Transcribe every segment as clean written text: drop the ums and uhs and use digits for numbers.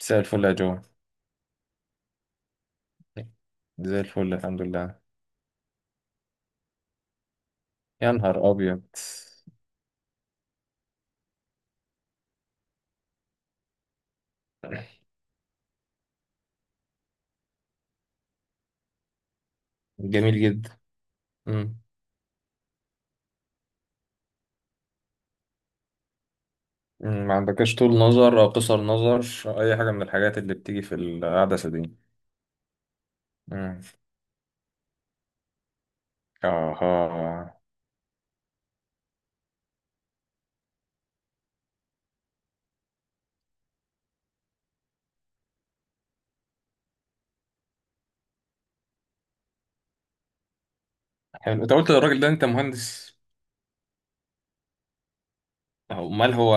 مساء الفل يا جو. زي الفل الحمد لله. يا نهار أبيض. جميل جدا. مم. مم. ما عندكش طول نظر أو قصر نظر، أو أي حاجة من الحاجات اللي بتيجي في العدسة دي. مم. آها. حلو، أنت قلت للراجل ده أنت مهندس؟ أهو، أمال هو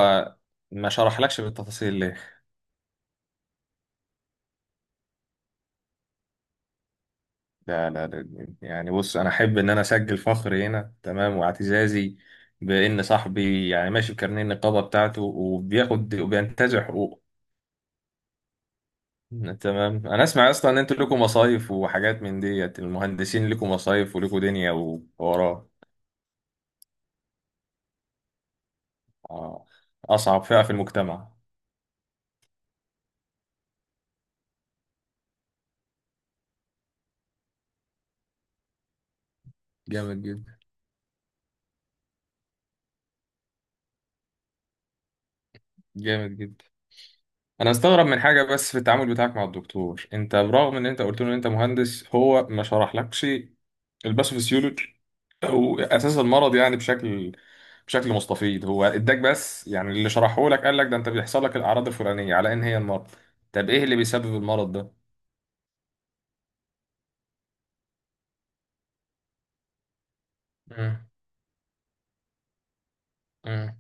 ما شرحلكش بالتفاصيل ليه؟ لا لا لا، يعني بص، أنا أحب إن أنا أسجل فخري هنا، تمام، واعتزازي بإن صاحبي يعني ماشي بكارنيه النقابة بتاعته وبياخد وبينتزع حقوقه. تمام، انا اسمع اصلا ان انتوا لكم مصايف وحاجات، من ديت المهندسين لكم مصايف ولكم دنيا ووراه. آه، اصعب فئة في المجتمع. جامد جدا. جامد جدا. انا استغرب من حاجه بس في التعامل بتاعك مع الدكتور، انت برغم ان انت قلت له ان انت مهندس هو ما شرحلكش الباثوفيسيولوجي او اساس المرض يعني بشكل مستفيض. هو اداك بس يعني اللي شرحه لك، قال لك ده انت بيحصل لك الاعراض الفلانيه على ان هي المرض. طب ايه اللي بيسبب المرض ده؟ مم. مم.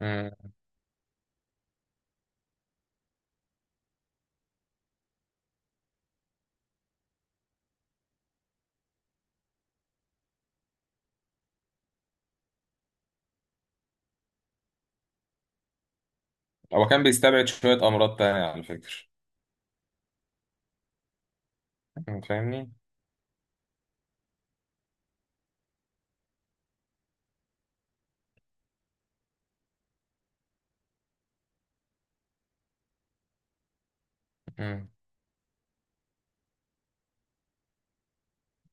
مم. هو كان بيستبعد شوية أمراض تانية على فكرة. فاهمني؟ أم،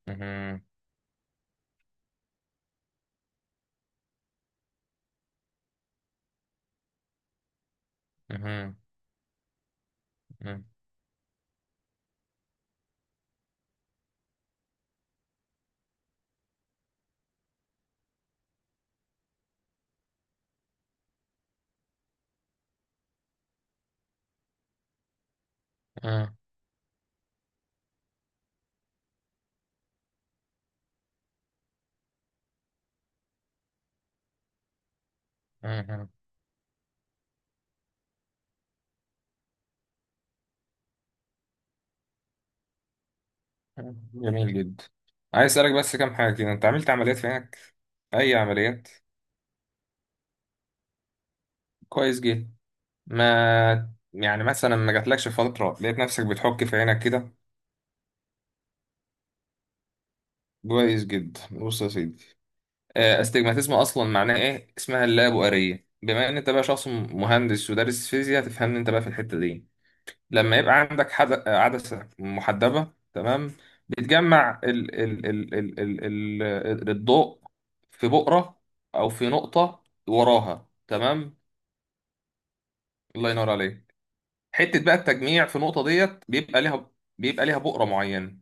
أم، أم، أم، أم، أم. جميل جدا. عايز أسألك بس كام حاجة كده، أنت عملت عمليات في عينك؟ أي عمليات؟ كويس جدا. ما يعني مثلا ما جاتلكش فترة لقيت نفسك بتحك في عينك كده؟ كويس جدا. بص يا سيدي، استجماتيزم أصلا معناه إيه؟ اسمها اللابؤرية، بما إن أنت بقى شخص مهندس ودارس فيزياء تفهمني أنت بقى في الحتة دي. لما يبقى عندك عدسة محدبة تمام بتجمع الضوء في بؤرة أو في نقطة وراها، تمام. الله ينور عليك. حتة بقى التجميع في النقطة ديت بيبقى ليها بؤرة معينة.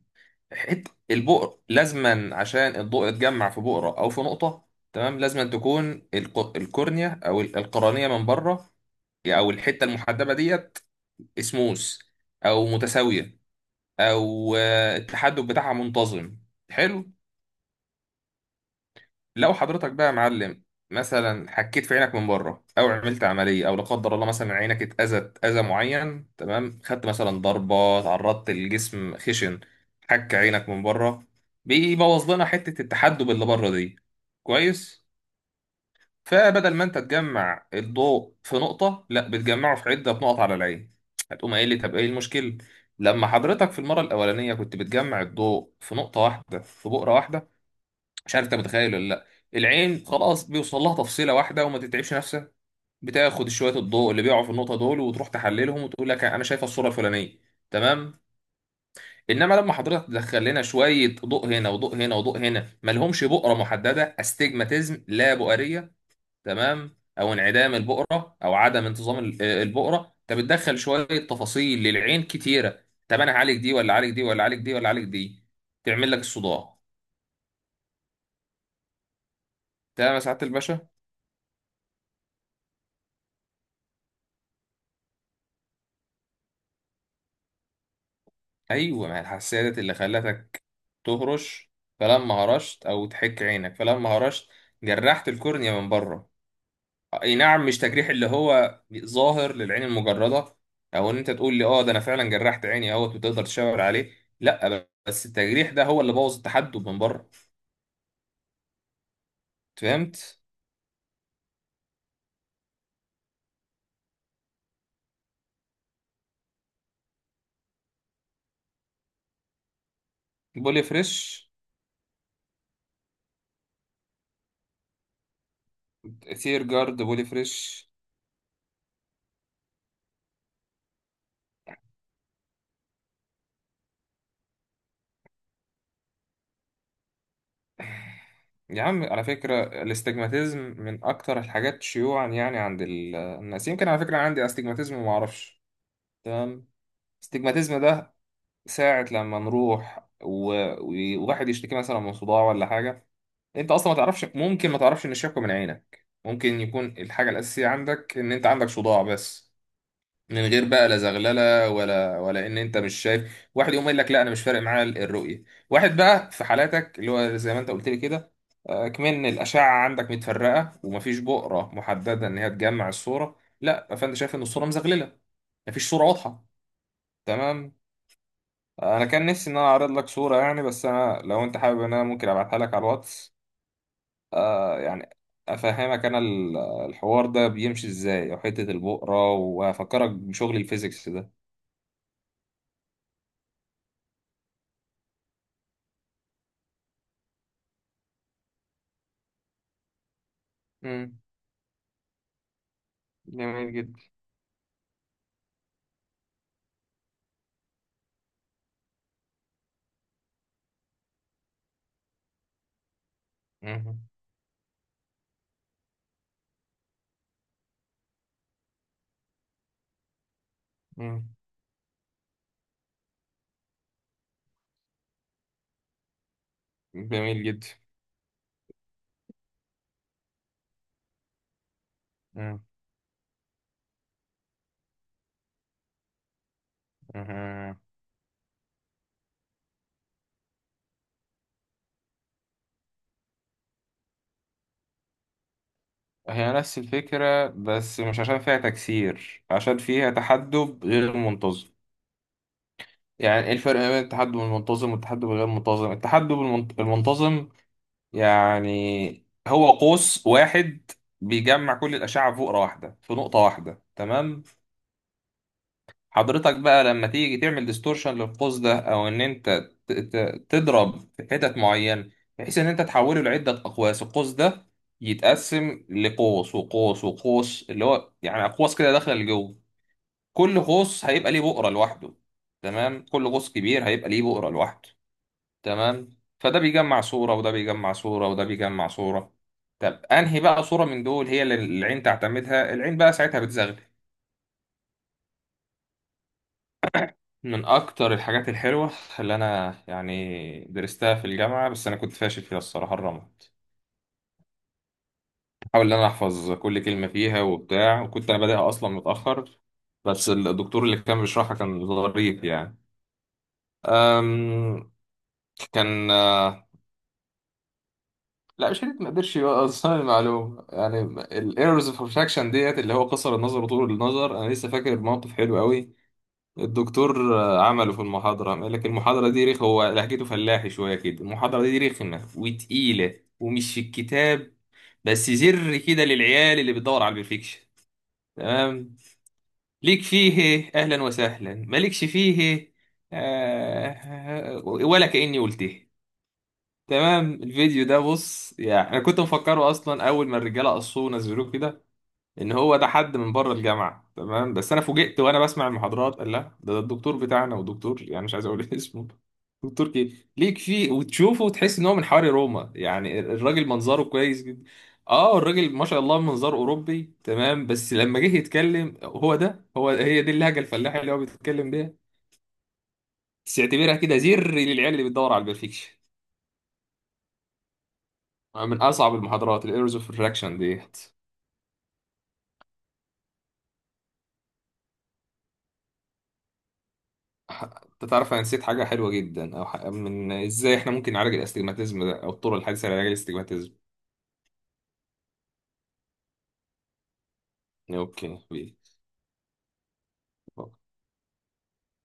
حتة البؤر لازما، عشان الضوء يتجمع في بؤرة أو في نقطة تمام، لازما تكون القرنية أو القرنية من بره، أو الحتة المحدبة ديت اسموس أو متساوية، او التحدث بتاعها منتظم. حلو. لو حضرتك بقى يا معلم مثلا حكيت في عينك من بره، او عملت عمليه، او لا قدر الله مثلا عينك اتاذت اذى معين، تمام، خدت مثلا ضربه، تعرضت للجسم خشن، حك عينك من بره، بيبوظ لنا حته التحدب اللي بره دي. كويس. فبدل ما انت تجمع الضوء في نقطة، لا، بتجمعه في عدة نقط على العين. هتقوم قايل لي طب ايه المشكلة؟ لما حضرتك في المرة الأولانية كنت بتجمع الضوء في نقطة واحدة، في بؤرة واحدة، مش عارف انت متخيل ولا لا، العين خلاص بيوصل لها تفصيلة واحدة وما تتعبش نفسها، بتاخد شوية الضوء اللي بيقعوا في النقطة دول وتروح تحللهم وتقول لك انا شايفة الصورة الفلانية، تمام. انما لما حضرتك تدخل لنا شويه ضوء هنا وضوء هنا وضوء هنا ملهمش بؤره محدده، استجماتيزم لا بؤريه، تمام، او انعدام البقره، او عدم انتظام البقره، انت بتدخل شويه تفاصيل للعين كتيره، طب انا هعالج دي ولا اعالج دي ولا اعالج دي ولا اعالج دي، تعمل لك الصداع. تمام يا سعاده الباشا. ايوه، ما هي الحساسيه ديت اللي خلتك تهرش، فلما هرشت او تحك عينك فلما هرشت جرحت الكورنيا من بره. اي نعم، مش تجريح اللي هو ظاهر للعين المجرده، او ان انت تقول لي اه ده انا فعلا جرحت عيني اهوت وتقدر تشاور عليه، لا، بس التجريح ده هو اللي بوظ التحدب من بره. فهمت؟ بولي فريش. ثير جارد بولي فريش. يا عم على فكرة الاستجماتيزم من أكتر الحاجات شيوعا يعني عند الناس، يمكن على فكرة عندي استجماتيزم وما أعرفش، تمام. الاستجماتيزم ده ساعة لما نروح وواحد يشتكي مثلا من صداع ولا حاجة، أنت أصلا ما تعرفش، ممكن ما تعرفش إن الشكوى من عينك ممكن يكون الحاجة الأساسية عندك، إن أنت عندك صداع بس، من غير بقى لا زغلله ولا ولا ان انت مش شايف. واحد يقوم يقول لك لا انا مش فارق معايا الرؤيه، واحد بقى في حالاتك اللي هو زي ما انت قلت لي كده، كمان الاشعه عندك متفرقه ومفيش بؤره محدده ان هي تجمع الصوره، لا، فانت شايف ان الصوره مزغلله، مفيش صوره واضحه، تمام. انا كان نفسي ان انا اعرض لك صوره يعني، بس انا لو انت حابب ان انا ممكن ابعتها لك على الواتس. يعني افهمك انا الحوار ده بيمشي ازاي، وحته البؤره، وافكرك بشغل الفيزيكس ده. مم. جميل جدا. مم. مم. جميل جدا. مم. مم. هي نفس الفكرة، بس مش عشان فيها تكسير، عشان فيها تحدب غير منتظم. يعني ايه الفرق ما بين التحدب المنتظم والتحدب الغير منتظم؟ التحدب المنتظم يعني هو قوس واحد بيجمع كل الأشعة في فقرة واحدة، في نقطة واحدة، تمام. حضرتك بقى لما تيجي تعمل ديستورشن للقوس ده، او ان انت تضرب في حتت معينه، بحيث ان انت تحوله لعده اقواس، القوس ده يتقسم لقوس وقوس وقوس، اللي هو يعني اقواس كده داخله لجوه، كل قوس هيبقى ليه بؤره لوحده، تمام، كل قوس كبير هيبقى ليه بؤره لوحده، تمام، فده بيجمع صوره وده بيجمع صوره وده بيجمع صوره. طب انهي بقى صوره من دول هي اللي العين تعتمدها؟ العين بقى ساعتها بتزغلل. من أكتر الحاجات الحلوة اللي أنا يعني درستها في الجامعة، بس أنا كنت فاشل فيها الصراحة، الرمد. بحاول إن أنا أحفظ كل كلمة فيها وبتاع، وكنت أنا بادئها أصلا متأخر، بس الدكتور اللي كان بيشرحها كان ظريف يعني. أم، كان لا، مش حته ما قدرش يوصل المعلومه يعني. الايرورز اوف ريفراكشن ديت، اللي هو قصر النظر وطول النظر، انا لسه فاكر موقف حلو قوي الدكتور عمله في المحاضرة. قال لك المحاضرة دي رخ، هو لهجته فلاحي شوية كده، المحاضرة دي رخمة وتقيلة ومش في الكتاب، بس زر كده للعيال اللي بتدور على البرفكشن، تمام، ليك فيه أهلا وسهلا، مالكش فيه آه ولا كأني قلته، تمام. الفيديو ده بص يعني أنا كنت مفكره أصلا أول ما الرجالة قصوه ونزلوه كده ان هو ده حد من بره الجامعه، تمام، بس انا فوجئت وانا بسمع المحاضرات، قال لا ده الدكتور بتاعنا، ودكتور يعني مش عايز اقول اسمه. دكتور كي ليك فيه وتشوفه وتحس ان هو من حواري روما، يعني الراجل منظره كويس جدا، اه الراجل ما شاء الله منظره اوروبي، تمام، بس لما جه يتكلم، هو ده، هو هي دي اللهجه الفلاحي اللي هو بيتكلم بيها. بس اعتبرها كده زر للعيال اللي بتدور على البرفكشن، من اصعب المحاضرات الايرز اوف الراكشن دي. انت تعرف انا نسيت حاجه حلوه جدا، او ح- من ازاي احنا ممكن نعالج الاستجماتيزم ده، او الطرق الحديثه لعلاج الاستجماتيزم. اوكي بيه.